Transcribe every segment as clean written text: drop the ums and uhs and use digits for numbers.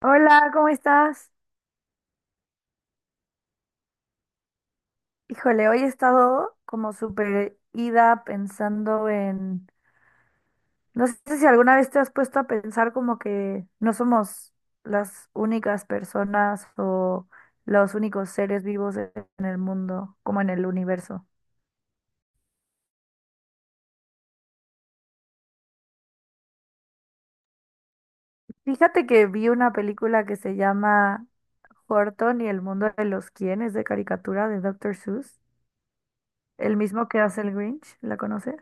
Hola, ¿cómo estás? Híjole, hoy he estado como súper ida pensando en... No sé si alguna vez te has puesto a pensar como que no somos las únicas personas o los únicos seres vivos en el mundo, como en el universo. Fíjate que vi una película que se llama Horton y el mundo de los quién, es de caricatura de Doctor Seuss, el mismo que hace el Grinch, ¿la conoces?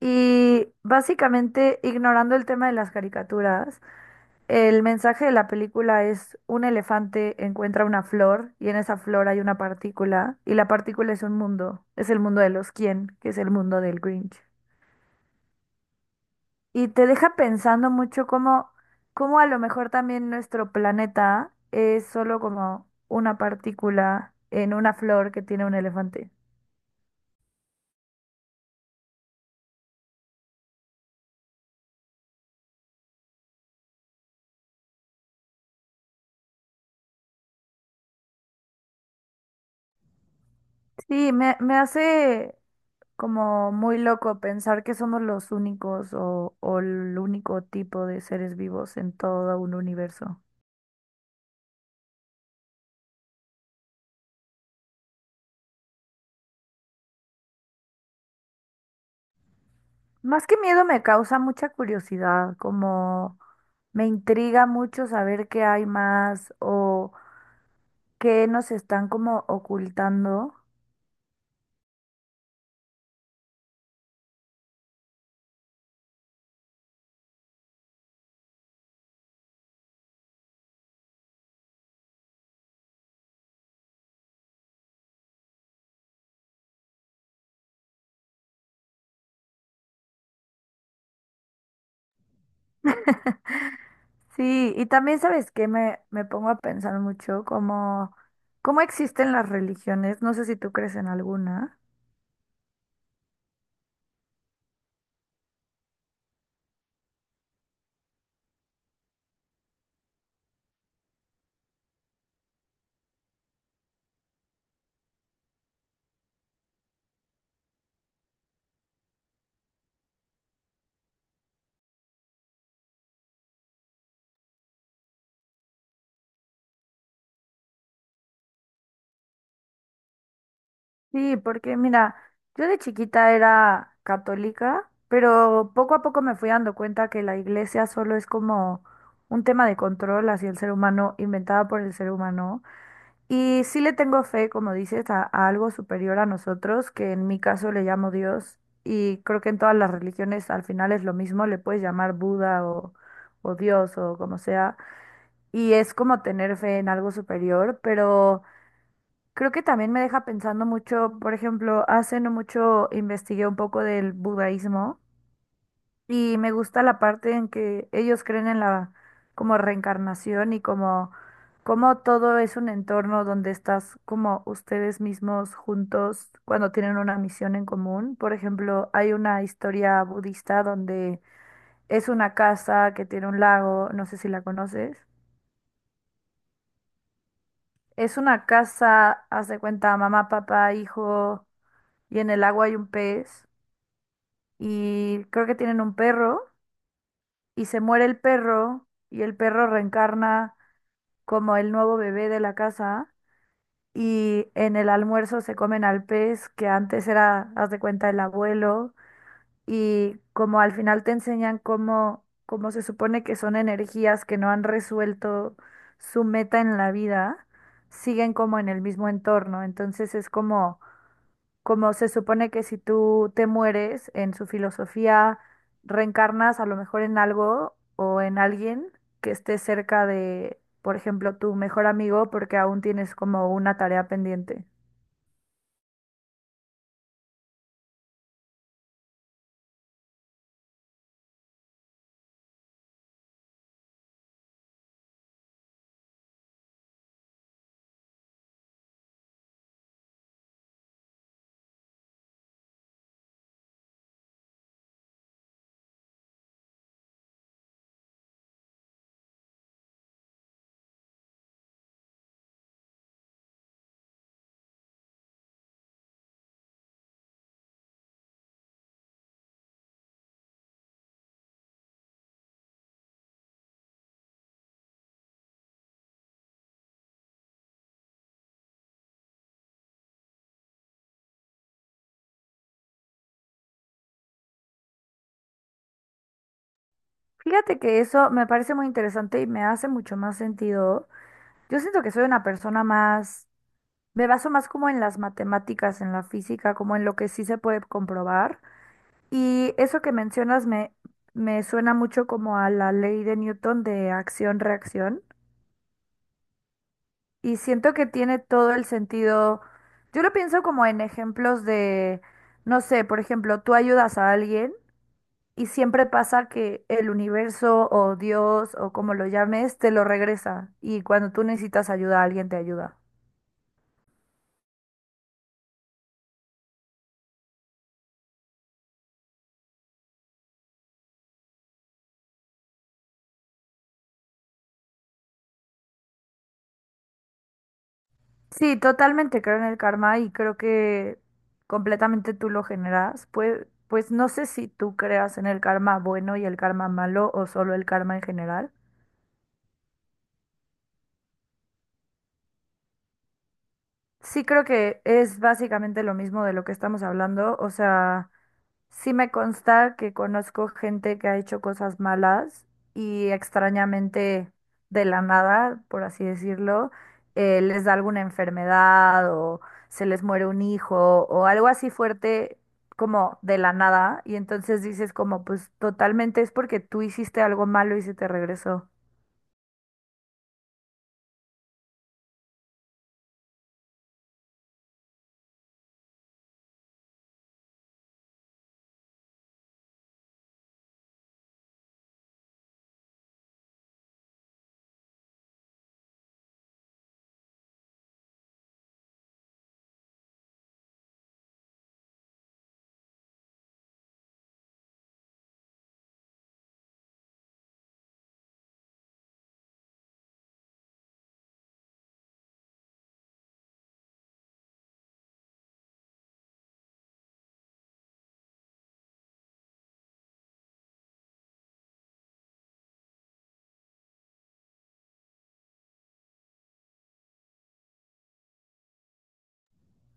Y básicamente, ignorando el tema de las caricaturas, el mensaje de la película es un elefante encuentra una flor y en esa flor hay una partícula y la partícula es un mundo, es el mundo de los quién, que es el mundo del Grinch. Y te deja pensando mucho cómo, cómo a lo mejor también nuestro planeta es solo como una partícula en una flor que tiene un elefante. Sí, me hace como muy loco pensar que somos los únicos o el único tipo de seres vivos en todo un universo. Más que miedo me causa mucha curiosidad, como me intriga mucho saber qué hay más o qué nos están como ocultando. Sí, y también sabes que me pongo a pensar mucho como cómo existen las religiones, no sé si tú crees en alguna. Sí, porque mira, yo de chiquita era católica, pero poco a poco me fui dando cuenta que la iglesia solo es como un tema de control hacia el ser humano, inventada por el ser humano. Y sí le tengo fe, como dices, a algo superior a nosotros, que en mi caso le llamo Dios. Y creo que en todas las religiones al final es lo mismo, le puedes llamar Buda o Dios o como sea. Y es como tener fe en algo superior, pero... Creo que también me deja pensando mucho, por ejemplo, hace no mucho investigué un poco del budaísmo y me gusta la parte en que ellos creen en la como reencarnación y como, como todo es un entorno donde estás como ustedes mismos juntos cuando tienen una misión en común. Por ejemplo, hay una historia budista donde es una casa que tiene un lago, no sé si la conoces. Es una casa, haz de cuenta, mamá, papá, hijo. Y en el agua hay un pez y creo que tienen un perro y se muere el perro y el perro reencarna como el nuevo bebé de la casa y en el almuerzo se comen al pez que antes era, haz de cuenta, el abuelo y como al final te enseñan cómo, cómo se supone que son energías que no han resuelto su meta en la vida, siguen como en el mismo entorno, entonces es como, como se supone que si tú te mueres, en su filosofía reencarnas a lo mejor en algo o en alguien que esté cerca de, por ejemplo, tu mejor amigo porque aún tienes como una tarea pendiente. Fíjate que eso me parece muy interesante y me hace mucho más sentido. Yo siento que soy una persona más, me baso más como en las matemáticas, en la física, como en lo que sí se puede comprobar. Y eso que mencionas me suena mucho como a la ley de Newton de acción-reacción y siento que tiene todo el sentido. Yo lo pienso como en ejemplos de, no sé, por ejemplo, tú ayudas a alguien y siempre pasa que el universo o Dios o como lo llames te lo regresa y cuando tú necesitas ayuda alguien te ayuda. Sí, totalmente creo en el karma y creo que completamente tú lo generas. Pues no sé si tú creas en el karma bueno y el karma malo o solo el karma en general. Sí creo que es básicamente lo mismo de lo que estamos hablando, o sea... Sí me consta que conozco gente que ha hecho cosas malas y extrañamente de la nada, por así decirlo, les da alguna enfermedad o se les muere un hijo o algo así fuerte como de la nada y entonces dices como pues totalmente es porque tú hiciste algo malo y se te regresó.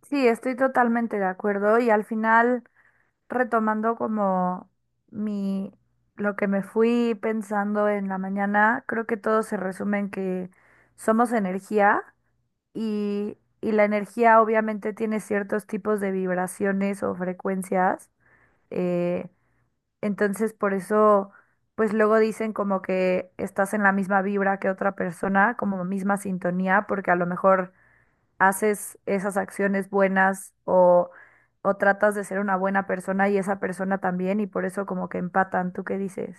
Sí, estoy totalmente de acuerdo y al final... retomando como mi, lo que me fui pensando en la mañana, creo que todo se resume en que somos energía y la energía obviamente tiene ciertos tipos de vibraciones o frecuencias. eh, entonces por eso, pues luego dicen como que estás en la misma vibra que otra persona, como misma sintonía, porque a lo mejor haces esas acciones buenas o tratas de ser una buena persona y esa persona también y por eso como que empatan. ¿Tú qué dices?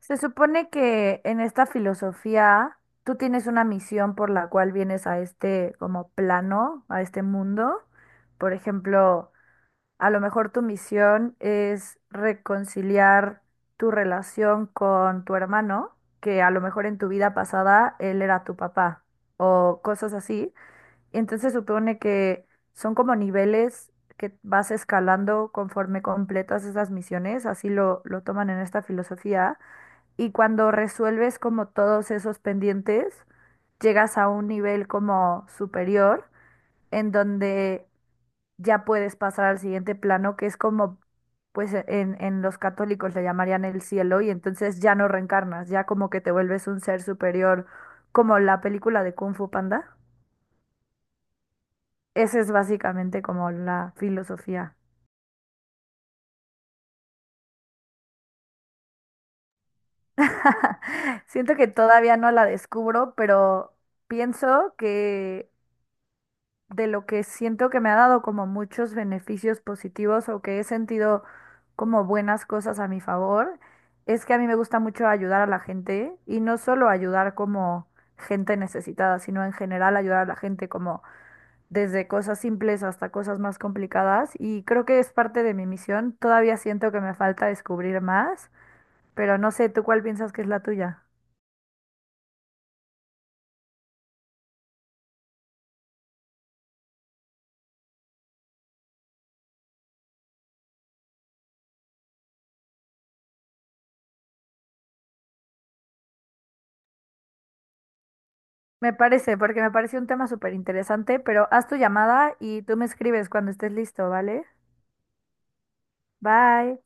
Se supone que en esta filosofía tú tienes una misión por la cual vienes a este como plano, a este mundo. Por ejemplo, a lo mejor tu misión es reconciliar tu relación con tu hermano, que a lo mejor en tu vida pasada él era tu papá o cosas así. Entonces supone que son como niveles que vas escalando conforme completas esas misiones, así lo toman en esta filosofía. Y cuando resuelves como todos esos pendientes, llegas a un nivel como superior, en donde ya puedes pasar al siguiente plano, que es como, pues en los católicos le llamarían el cielo, y entonces ya no reencarnas, ya como que te vuelves un ser superior, como la película de Kung Fu Panda. Esa es básicamente como la filosofía. Siento que todavía no la descubro, pero pienso que de lo que siento que me ha dado como muchos beneficios positivos o que he sentido como buenas cosas a mi favor, es que a mí me gusta mucho ayudar a la gente y no solo ayudar como gente necesitada, sino en general ayudar a la gente como desde cosas simples hasta cosas más complicadas y creo que es parte de mi misión. Todavía siento que me falta descubrir más. Pero no sé, ¿tú cuál piensas que es la tuya? Me parece, porque me parece un tema súper interesante, pero haz tu llamada y tú me escribes cuando estés listo, ¿vale? Bye.